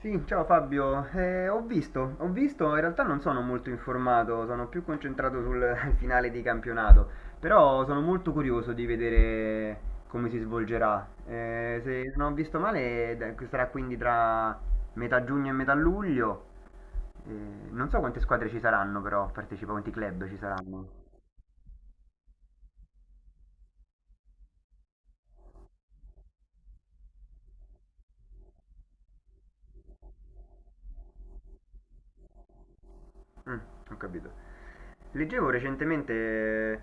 Sì, ciao Fabio. Ho visto, in realtà non sono molto informato, sono più concentrato sul finale di campionato, però sono molto curioso di vedere come si svolgerà. Se non ho visto male, sarà quindi tra metà giugno e metà luglio. Non so quante squadre ci saranno, però, partecipa, quanti club ci saranno. Mm, ho capito. Leggevo recentemente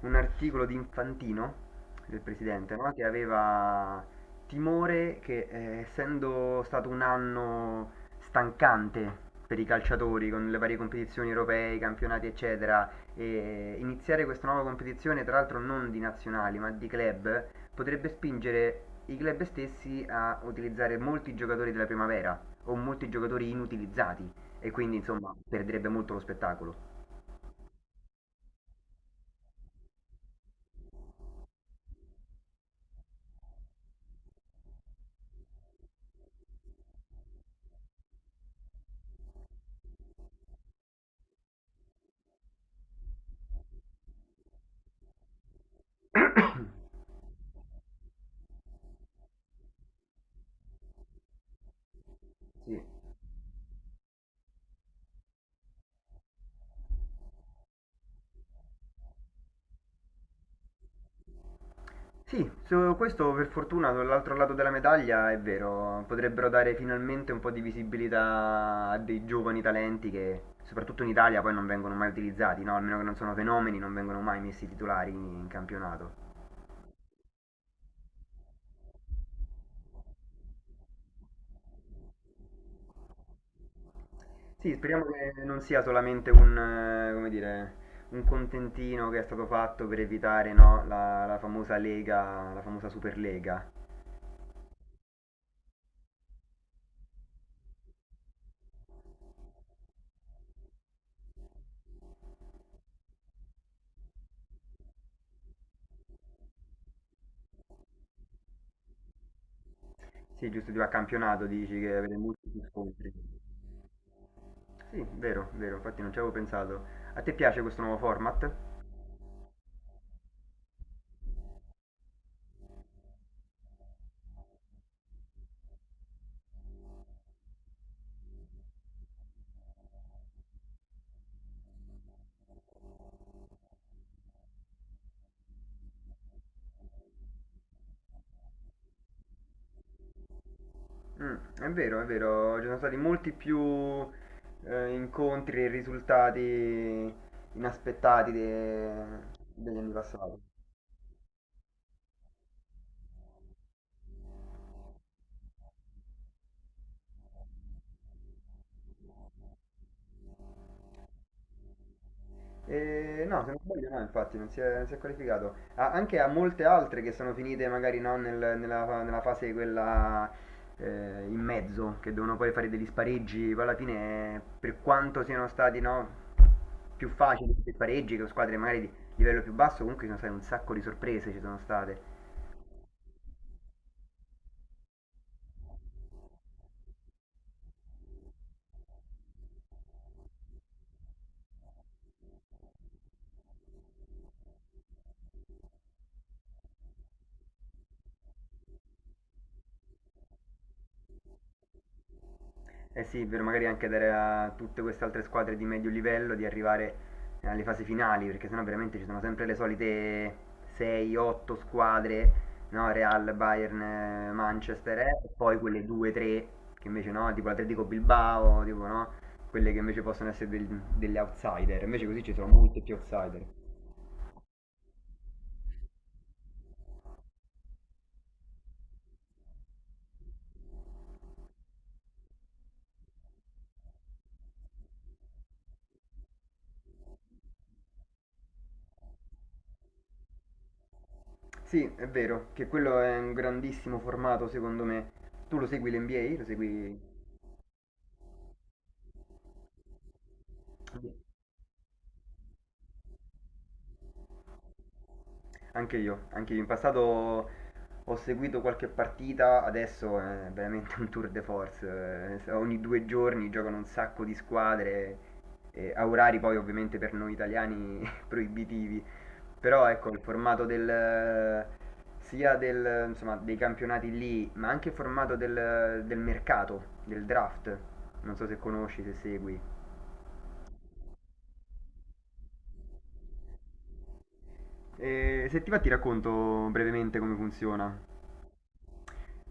un articolo di Infantino, del presidente, no? Che aveva timore che, essendo stato un anno stancante per i calciatori, con le varie competizioni europee, i campionati, eccetera, e iniziare questa nuova competizione, tra l'altro non di nazionali, ma di club, potrebbe spingere i club stessi a utilizzare molti giocatori della primavera o molti giocatori inutilizzati, e quindi insomma perderebbe molto lo spettacolo. Sì. Sì, su questo per fortuna dall'altro lato della medaglia è vero, potrebbero dare finalmente un po' di visibilità a dei giovani talenti che soprattutto in Italia poi non vengono mai utilizzati, no? Almeno che non sono fenomeni, non vengono mai messi titolari in campionato. Sì, speriamo che non sia solamente un, come dire, un contentino che è stato fatto per evitare, no, la famosa Lega, la famosa Superlega. Sì, giusto, di a campionato dici che avete molti più scontri. Sì, vero, vero, infatti non ci avevo pensato. A te piace questo nuovo format? Mm, è vero, ci sono stati molti più incontri e risultati inaspettati degli anni passati. No, se non sbaglio no, infatti, non si è qualificato. Anche a molte altre che sono finite magari no, nella fase quella in mezzo, che devono poi fare degli spareggi, poi alla fine per quanto siano stati no, più facili questi spareggi che squadre magari di livello più basso, comunque ci sono state un sacco di sorprese, ci sono state. Eh sì, è vero, magari anche dare a tutte queste altre squadre di medio livello di arrivare alle fasi finali, perché sennò veramente ci sono sempre le solite 6-8 squadre, no? Real, Bayern, Manchester, e poi quelle 2-3 che invece no, tipo l'Atletico Bilbao, tipo no, quelle che invece possono essere delle outsider, invece così ci sono molte più outsider. Sì, è vero, che quello è un grandissimo formato secondo me. Tu lo segui l'NBA? Lo segui anche io, anche io. In passato ho seguito qualche partita, adesso è veramente un tour de force. Ogni due giorni giocano un sacco di squadre, a orari poi ovviamente per noi italiani proibitivi. Però ecco, il formato del, sia del, insomma, dei campionati lì, ma anche il formato del, del mercato, del draft. Non so se conosci, se segui. Se ti va ti racconto brevemente come funziona.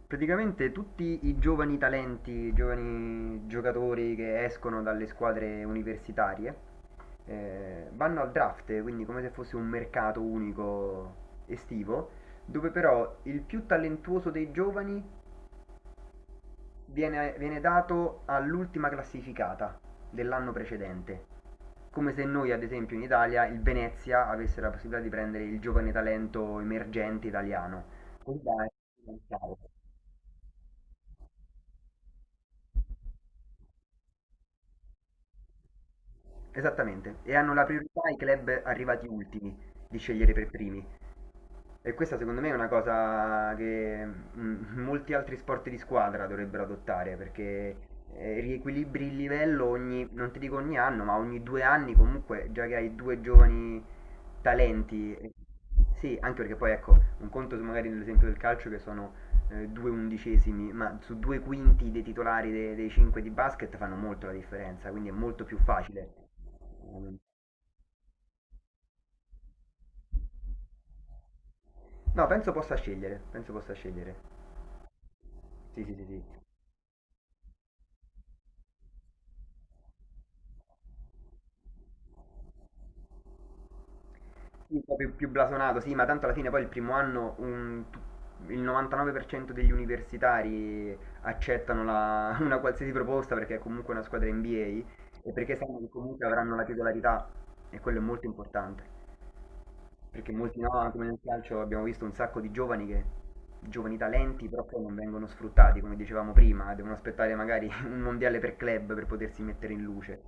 Praticamente tutti i giovani talenti, i giovani giocatori che escono dalle squadre universitarie vanno al draft, quindi come se fosse un mercato unico estivo, dove però il più talentuoso dei giovani viene dato all'ultima classificata dell'anno precedente. Come se noi, ad esempio, in Italia il Venezia avesse la possibilità di prendere il giovane talento emergente italiano. Così da- essere Esattamente, e hanno la priorità i club arrivati ultimi di scegliere per primi. E questa secondo me è una cosa che mm, molti altri sport di squadra dovrebbero adottare perché riequilibri il livello ogni, non ti dico ogni anno, ma ogni due anni comunque, già che hai due giovani talenti. Sì, anche perché poi ecco, un conto su magari nell'esempio del calcio che sono due undicesimi, ma su due quinti dei titolari dei cinque di basket fanno molto la differenza, quindi è molto più facile. Mm. No, penso possa scegliere, penso possa scegliere. Sì, sì, sì, sì. Un po' più, più blasonato, sì, ma tanto alla fine poi il primo anno il 99% degli universitari accettano la- una qualsiasi proposta perché è comunque una squadra NBA e perché sanno che comunque avranno la titolarità e quello è molto importante. Perché molti no, anche nel calcio abbiamo visto un sacco di giovani che, giovani talenti, però poi non vengono sfruttati, come dicevamo prima, devono aspettare magari un mondiale per club per potersi mettere in luce.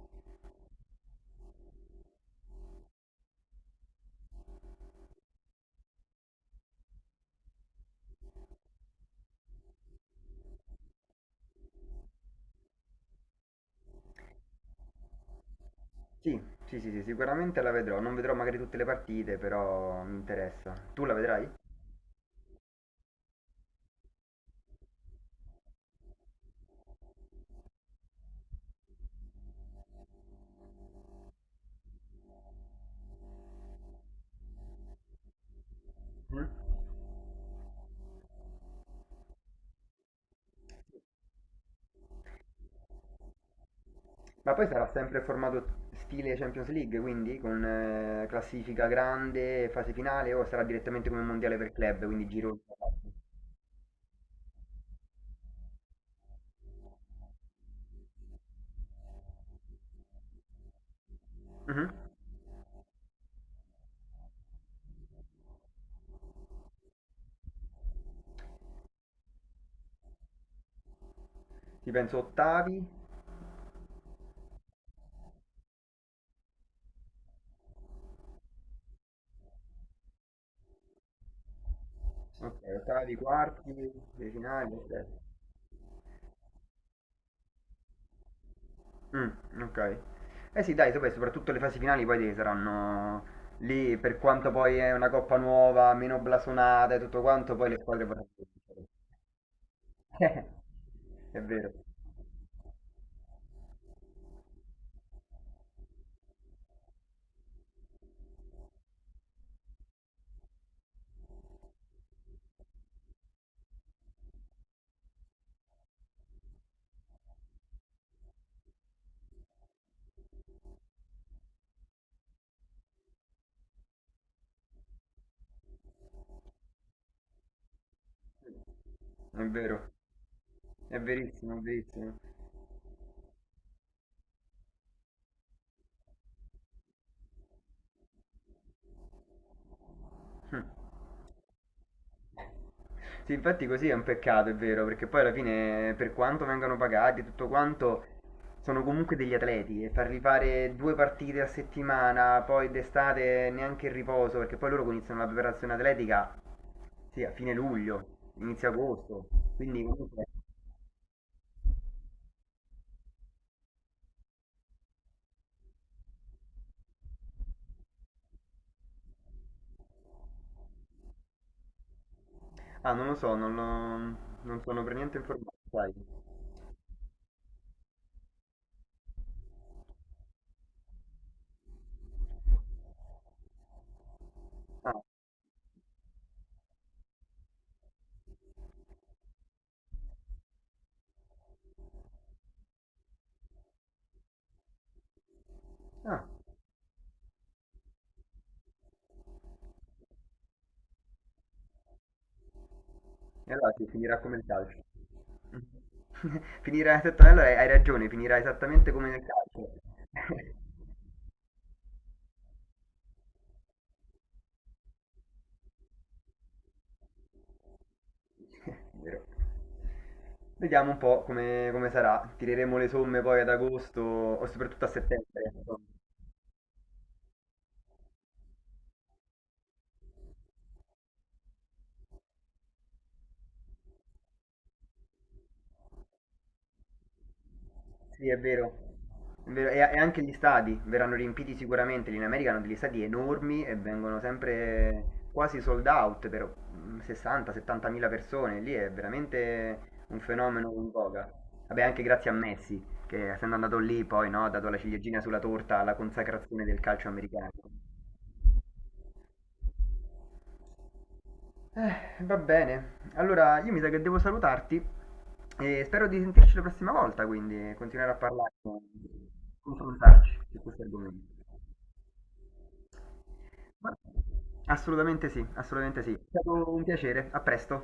Sì, sì, sì, sì, sicuramente la vedrò. Non vedrò magari tutte le partite, però mi interessa. Tu la vedrai? Mm. Ma poi sarà sempre formato stile Champions League, quindi con classifica grande, fase finale, o sarà direttamente come mondiale per club, quindi giro. Ti penso ottavi, ok, ottavi, quarti, le finali, eccetera. Okay. Eh sì dai, vabbè soprattutto le fasi finali poi saranno lì per quanto poi è una coppa nuova, meno blasonata e tutto quanto, poi le squadre potranno vincere. È vero. Mh. È vero. È verissimo, è verissimo. Mh. Sì, infatti così è un peccato, è vero, perché poi alla fine per quanto vengano pagati e tutto quanto, sono comunque degli atleti e farli fare 2 partite a settimana, poi d'estate neanche il riposo, perché poi loro iniziano la preparazione atletica. Sì, a fine luglio, inizio agosto, quindi comunque... Ah, non lo so, non sono per niente informato, sai. Ah, ah, e allora sì, finirà come il calcio. Finirà esattamente, allora hai ragione, finirà esattamente come nel calcio. Vero. Vediamo un po' come, come sarà, tireremo le somme poi ad agosto o soprattutto a settembre. Sì, è vero. È vero. E anche gli stadi verranno riempiti sicuramente. Lì in America hanno degli stadi enormi e vengono sempre quasi sold out per 60-70 mila persone. Lì è veramente un fenomeno in voga. Vabbè, anche grazie a Messi, che essendo andato lì poi no, ha dato la ciliegina sulla torta alla consacrazione del calcio americano. Va bene. Allora, io mi sa che devo salutarti e spero di sentirci la prossima volta, quindi continuare a parlare, confrontarci su questo argomento. Assolutamente sì, assolutamente sì. È stato un piacere, a presto.